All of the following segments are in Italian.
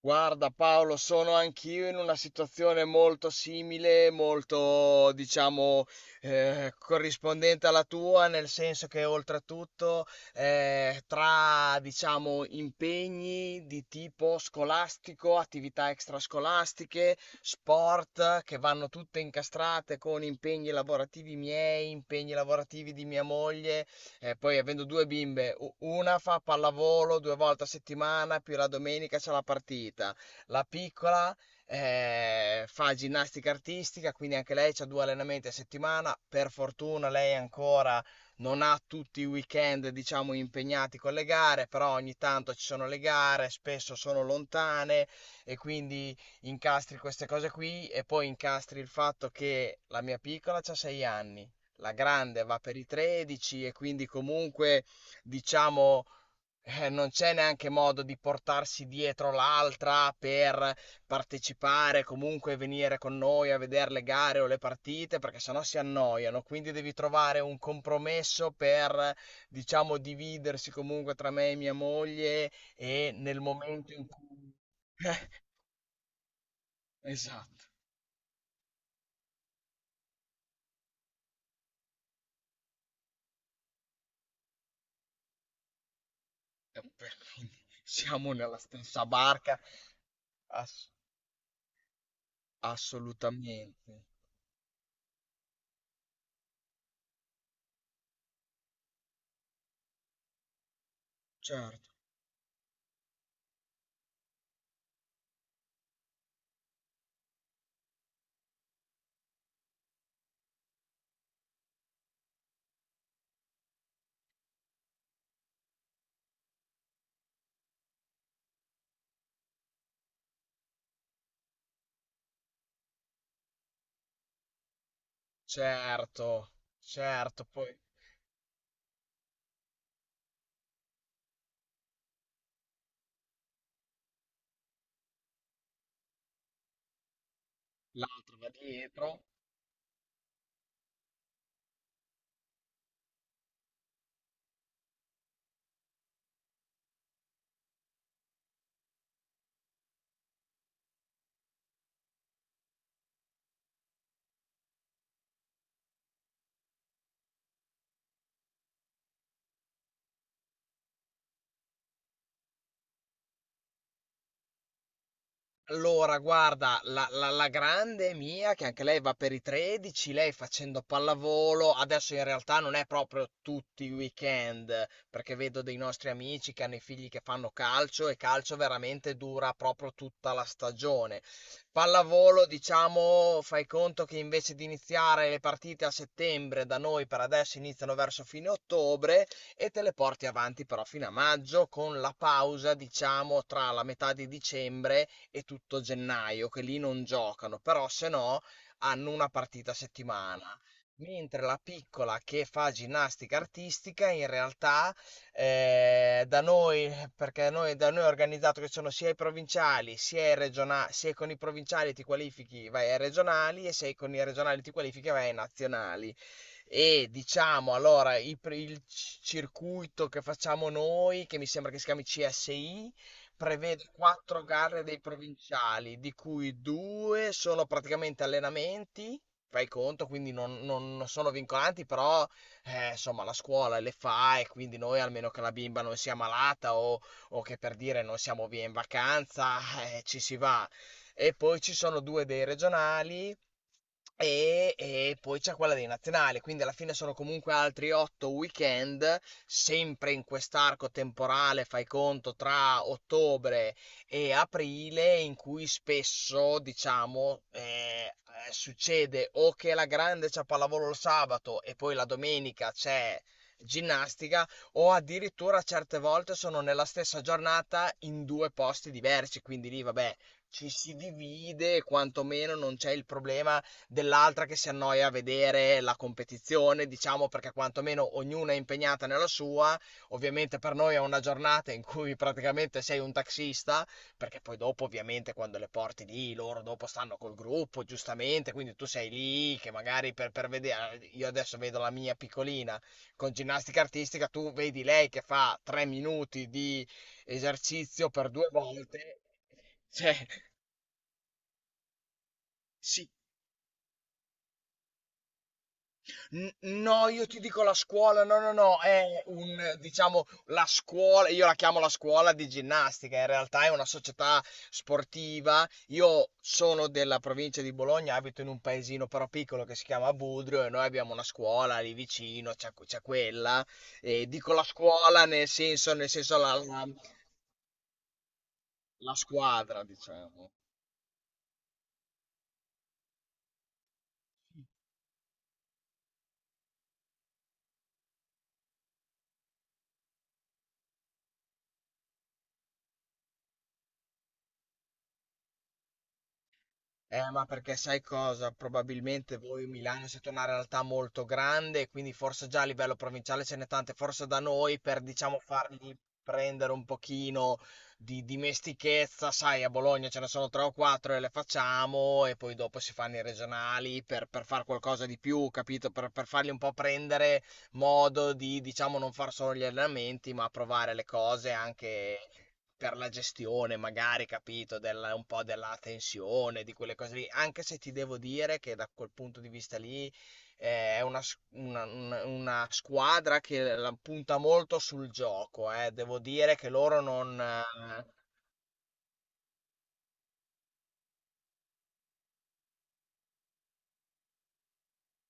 Guarda Paolo, sono anch'io in una situazione molto simile, molto diciamo corrispondente alla tua, nel senso che oltretutto tra diciamo impegni di tipo scolastico, attività extrascolastiche, sport che vanno tutte incastrate con impegni lavorativi miei, impegni lavorativi di mia moglie, e poi avendo due bimbe, una fa pallavolo due volte a settimana, più la domenica c'è la partita. La piccola fa ginnastica artistica, quindi anche lei ha due allenamenti a settimana. Per fortuna lei ancora non ha tutti i weekend, diciamo, impegnati con le gare, però ogni tanto ci sono le gare, spesso sono lontane e quindi incastri queste cose qui e poi incastri il fatto che la mia piccola ha 6 anni, la grande va per i 13 e quindi comunque diciamo non c'è neanche modo di portarsi dietro l'altra per partecipare, comunque venire con noi a vedere le gare o le partite, perché sennò si annoiano, quindi devi trovare un compromesso per diciamo dividersi comunque tra me e mia moglie e nel momento in cui eh, Esatto. E quindi siamo nella stessa barca, ass- assolutamente. Certo, certo, certo, poi l'altro va dietro. Allora, guarda, la grande mia, che anche lei va per i 13, lei facendo pallavolo, adesso in realtà non è proprio tutti i weekend, perché vedo dei nostri amici che hanno i figli che fanno calcio e calcio veramente dura proprio tutta la stagione. Pallavolo, diciamo, fai conto che invece di iniziare le partite a settembre, da noi per adesso iniziano verso fine ottobre e te le porti avanti però fino a maggio con la pausa, diciamo, tra la metà di dicembre e tutto gennaio, che lì non giocano, però se no hanno una partita a settimana. Mentre la piccola che fa ginnastica artistica, in realtà da noi, perché noi, da noi è organizzato che sono sia i provinciali, sia, i regionali, sia con i provinciali ti qualifichi vai ai regionali e se con i regionali ti qualifichi vai ai nazionali. E diciamo allora i pr- il, c- circuito che facciamo noi, che mi sembra che si chiami CSI, prevede quattro gare dei provinciali, di cui due sono praticamente allenamenti, fai conto, quindi non sono vincolanti, però insomma la scuola le fa e quindi noi, almeno che la bimba non sia malata o che per dire non siamo via in vacanza, ci si va e poi ci sono due dei regionali e poi c'è quella dei nazionali, quindi alla fine sono comunque altri 8 weekend, sempre in quest'arco temporale, fai conto, tra ottobre e aprile, in cui spesso, diciamo, succede o che la grande c'è pallavolo il sabato e poi la domenica c'è ginnastica o addirittura certe volte sono nella stessa giornata in due posti diversi, quindi lì vabbè ci si divide, quantomeno non c'è il problema dell'altra che si annoia a vedere la competizione, diciamo perché quantomeno ognuna è impegnata nella sua. Ovviamente per noi è una giornata in cui praticamente sei un taxista, perché poi dopo ovviamente quando le porti lì, loro dopo stanno col gruppo, giustamente, quindi tu sei lì che magari per vedere, io adesso vedo la mia piccolina con ginnastica artistica, tu vedi lei che fa 3 minuti di esercizio per due volte. Cioè, sì. N No, io ti dico la scuola, no, è un, diciamo, la scuola, io la chiamo la scuola di ginnastica, in realtà è una società sportiva. Io sono della provincia di Bologna, abito in un paesino però piccolo che si chiama Budrio e noi abbiamo una scuola lì vicino, c'è quella. E dico la scuola nel senso la squadra, diciamo. Ma perché sai cosa? Probabilmente voi Milano siete una realtà molto grande, e quindi forse già a livello provinciale ce n'è tante, forse da noi per diciamo fargli prendere un pochino di dimestichezza, sai, a Bologna ce ne sono tre o quattro e le facciamo e poi dopo si fanno i regionali per fare qualcosa di più, capito? Per fargli un po' prendere modo di, diciamo, non far solo gli allenamenti, ma provare le cose anche per la gestione, magari, capito, della, un po' della tensione, di quelle cose lì, anche se ti devo dire che da quel punto di vista lì è una, una squadra che la punta molto sul gioco, eh. Devo dire che loro non...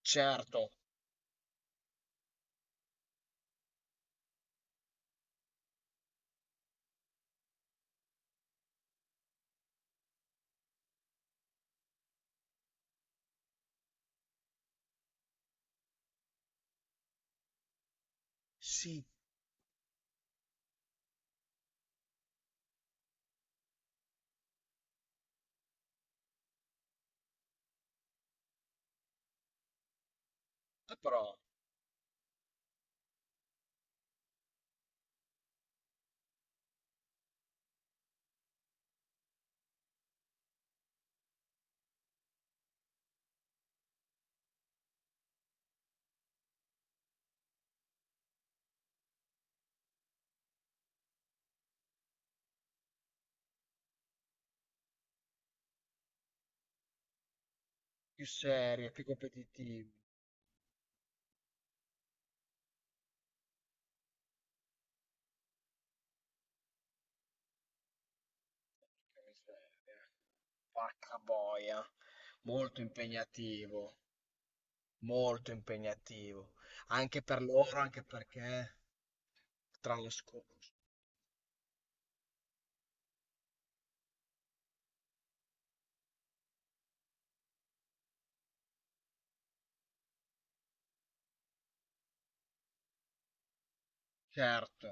certo, sì, però più serie, più competitivi. Che miseria. Porca boia, molto impegnativo, molto impegnativo, anche per loro, anche perché... Trascorso. Certo,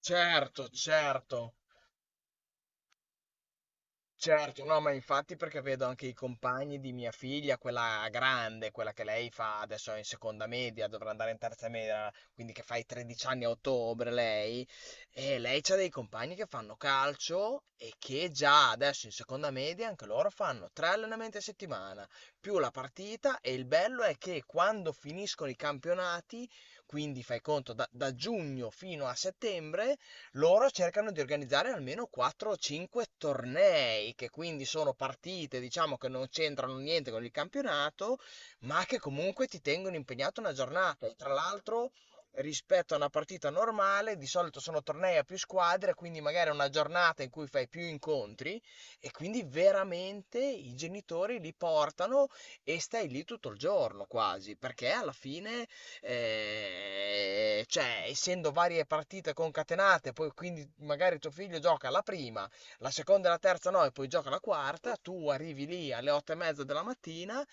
certo, certo, certo. No, ma infatti perché vedo anche i compagni di mia figlia, quella grande, quella che lei fa adesso è in seconda media, dovrà andare in terza media, quindi che fa i 13 anni a ottobre lei, e lei c'ha dei compagni che fanno calcio e che già adesso in seconda media anche loro fanno tre allenamenti a settimana, più la partita e il bello è che quando finiscono i campionati, quindi fai conto da giugno fino a settembre, loro cercano di organizzare almeno 4 o 5 tornei, che quindi sono partite, diciamo, che non c'entrano niente con il campionato, ma che comunque ti tengono impegnato una giornata. E tra l'altro, rispetto a una partita normale, di solito sono tornei a più squadre, quindi magari è una giornata in cui fai più incontri e quindi veramente i genitori li portano e stai lì tutto il giorno quasi, perché alla fine cioè essendo varie partite concatenate, poi quindi magari tuo figlio gioca la prima, la seconda e la terza no, e poi gioca la quarta, tu arrivi lì alle 8:30 della mattina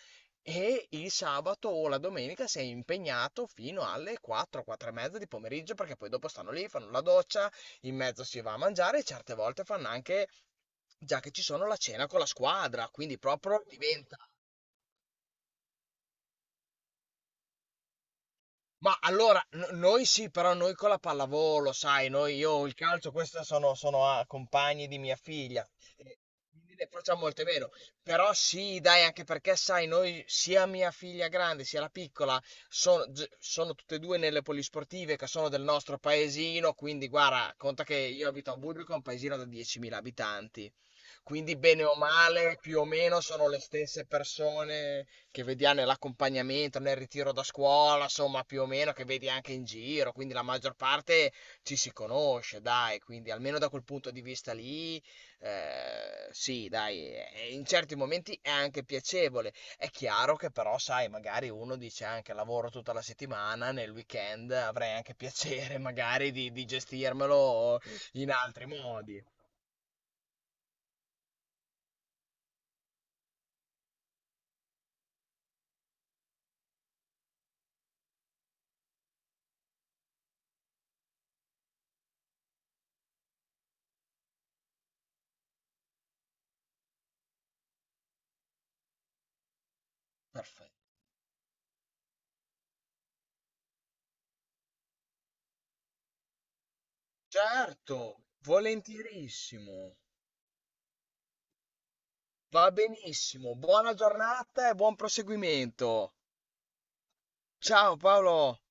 e il sabato o la domenica sei impegnato fino alle 4, 4 e mezza di pomeriggio perché poi dopo stanno lì, fanno la doccia, in mezzo si va a mangiare e certe volte fanno anche, già che ci sono, la cena con la squadra, quindi proprio diventa... Ma allora, noi sì, però noi con la pallavolo, sai, noi, io il calcio, questi sono, ah, compagni di mia figlia, e quindi ne facciamo molte meno. Però sì, dai, anche perché, sai, noi, sia mia figlia grande sia la piccola, sono, sono tutte e due nelle polisportive che sono del nostro paesino, quindi guarda, conta che io abito a Budrio, che è un paesino da 10.000 abitanti. Quindi bene o male, più o meno sono le stesse persone che vediamo nell'accompagnamento, nel ritiro da scuola, insomma, più o meno che vedi anche in giro, quindi la maggior parte ci si conosce, dai, quindi almeno da quel punto di vista lì, sì, dai, e in certi momenti è anche piacevole. È chiaro che però, sai, magari uno dice anche lavoro tutta la settimana, nel weekend avrei anche piacere magari di gestirmelo in altri modi. Perfetto. Certo, volentierissimo. Va benissimo. Buona giornata e buon proseguimento. Ciao Paolo.